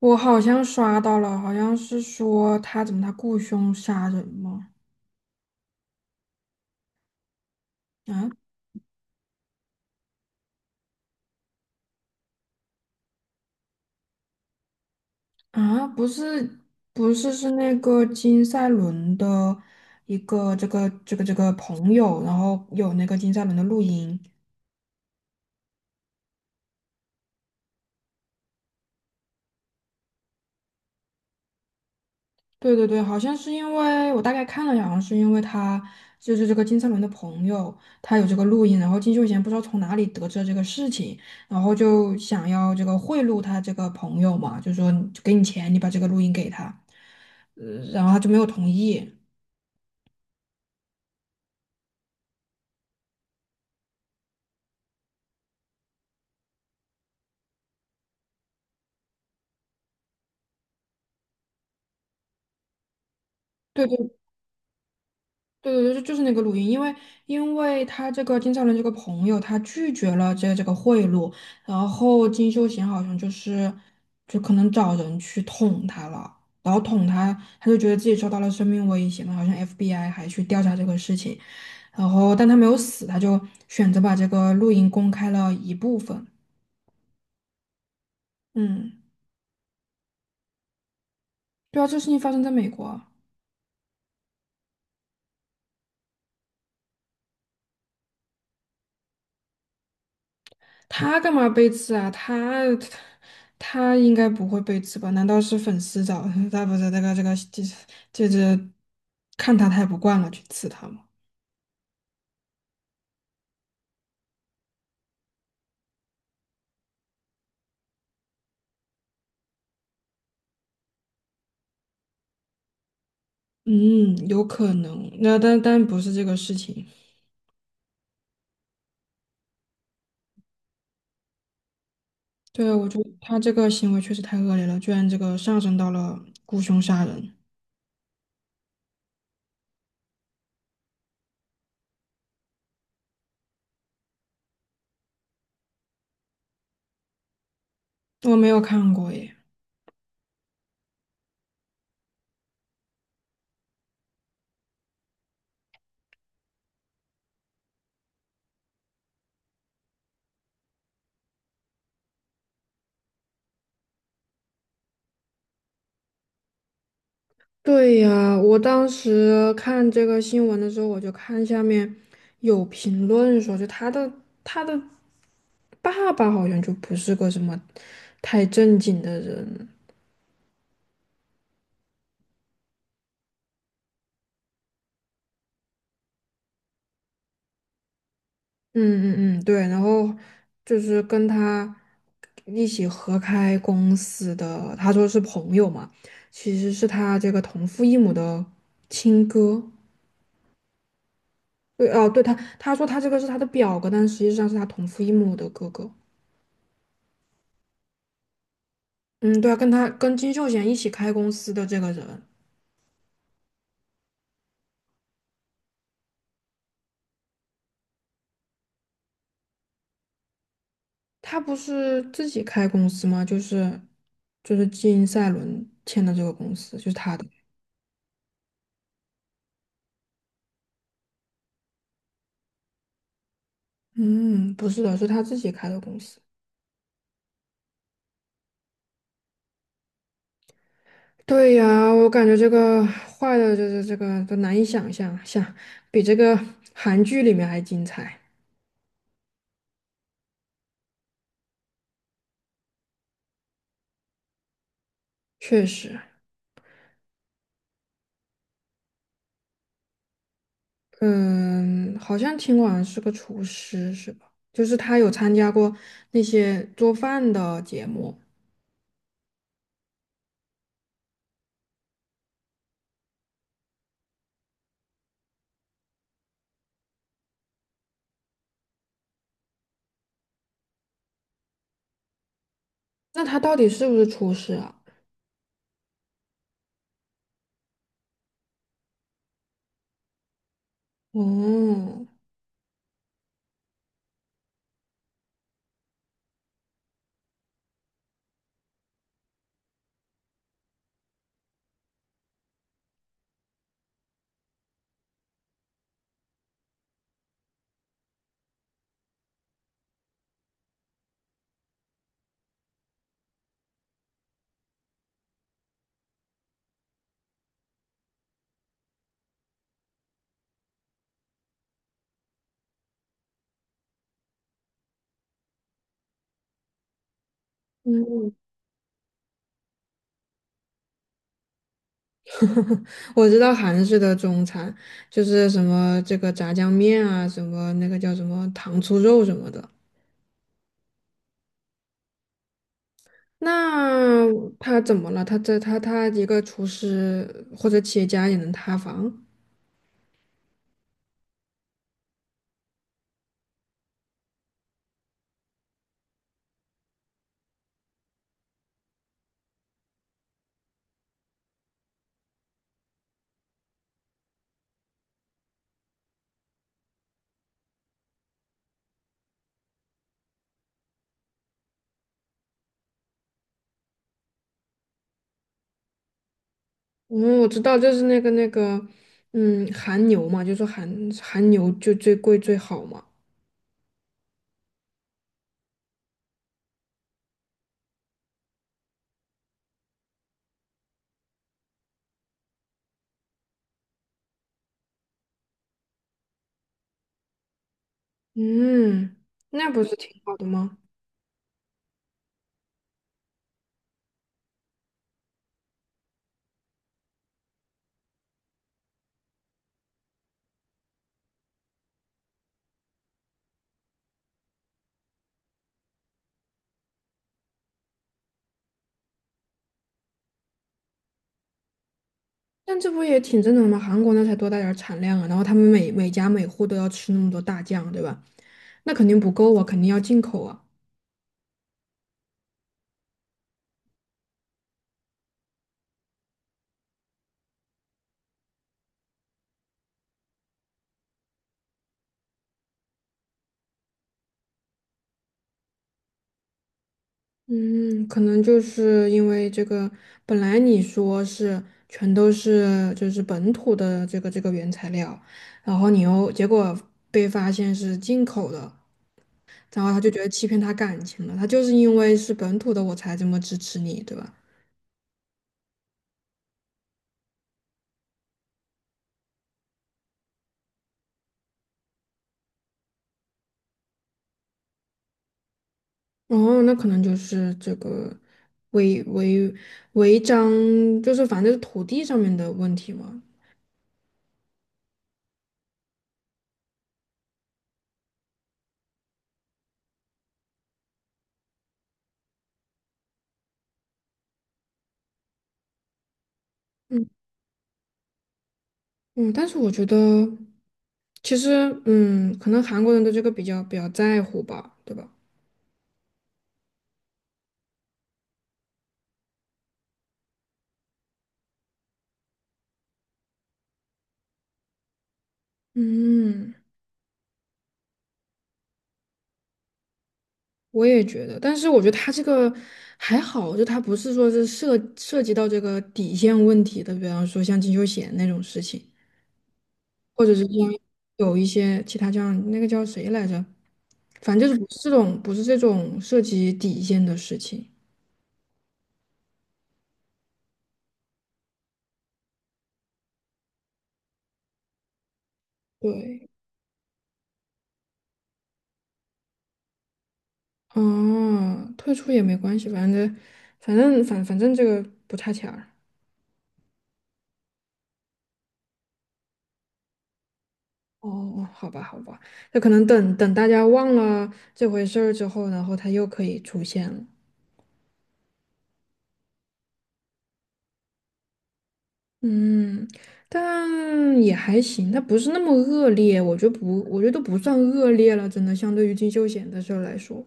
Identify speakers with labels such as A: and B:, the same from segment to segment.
A: 我好像刷到了，好像是说他怎么他雇凶杀人吗？啊啊，不是是那个金赛纶的一个这个朋友，然后有那个金赛纶的录音。对对对，好像是因为我大概看了一下，好像是因为他就是这个金灿纶的朋友，他有这个录音，然后金秀贤不知道从哪里得知了这个事情，然后就想要这个贿赂他这个朋友嘛，就说就给你钱，你把这个录音给他，呃然后他就没有同意。对对对对对，就是那个录音，因为他这个金兆伦这个朋友，他拒绝了这个贿赂，然后金秀贤好像就是就可能找人去捅他了，然后捅他，他就觉得自己受到了生命威胁嘛，好像 FBI 还去调查这个事情，然后但他没有死，他就选择把这个录音公开了一部分。嗯，对啊，这事情发生在美国啊。他干嘛被刺啊？他他应该不会被刺吧？难道是粉丝找 他？不是这个这这这看他太不惯了去刺他吗？嗯，有可能。那但不是这个事情。对啊，我觉得他这个行为确实太恶劣了，居然这个上升到了雇凶杀人。我没有看过耶。对呀，我当时看这个新闻的时候，我就看下面有评论说，就他的爸爸好像就不是个什么太正经的人。嗯嗯嗯，对。然后就是跟他一起合开公司的，他说是朋友嘛，其实是他这个同父异母的亲哥。对哦，对他，他说他这个是他的表哥，但实际上是他同父异母的哥哥。嗯，对啊，跟他跟金秀贤一起开公司的这个人，他不是自己开公司吗？就是金赛伦签的这个公司，就是他的。嗯，不是的，是他自己开的公司。对呀，我感觉这个坏的，就是这个都难以想象，想比这个韩剧里面还精彩。确实。嗯，好像听完是个厨师是吧？就是他有参加过那些做饭的节目。那他到底是不是厨师啊？哦，嗯，我知道韩式的中餐就是什么这个炸酱面啊，什么那个叫什么糖醋肉什么的。那他怎么了？他这他他一个厨师或者企业家也能塌房？嗯，我知道，就是那个，嗯，韩牛嘛，就说韩牛就最贵最好嘛。嗯，那不是挺好的吗？但这不也挺正常吗？韩国那才多大点儿产量啊，然后他们每家每户都要吃那么多大酱，对吧？那肯定不够啊，肯定要进口啊。嗯，可能就是因为这个，本来你说是全都是就是本土的这个原材料，然后你又结果被发现是进口的，然后他就觉得欺骗他感情了，他就是因为是本土的我才这么支持你，对吧？哦，那可能就是这个违违违章，就是反正就是土地上面的问题嘛。嗯。嗯，但是我觉得其实嗯，可能韩国人对这个比较在乎吧，对吧？嗯，我也觉得，但是我觉得他这个还好，就他不是说是涉及到这个底线问题的，比方说像金秀贤那种事情，或者是像有一些其他这样那个叫谁来着，反正就是不是这种涉及底线的事情。对。哦，退出也没关系，反正这个不差钱儿。哦，哦好吧，好吧，那可能等大家忘了这回事儿之后，然后他又可以出现了。嗯，但也还行，它不是那么恶劣，我觉得不，我觉得都不算恶劣了，真的，相对于金秀贤的事儿来说，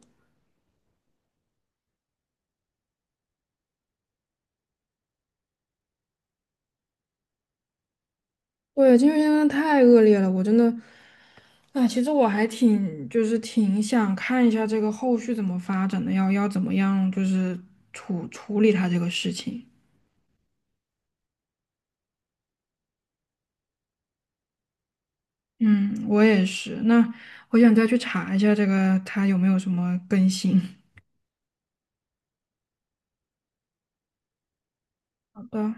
A: 对，金秀贤真的太恶劣了，我真的，啊，其实我还挺，就是挺想看一下这个后续怎么发展的，要怎么样，就是处理他这个事情。嗯，我也是。那我想再去查一下这个，它有没有什么更新。好的。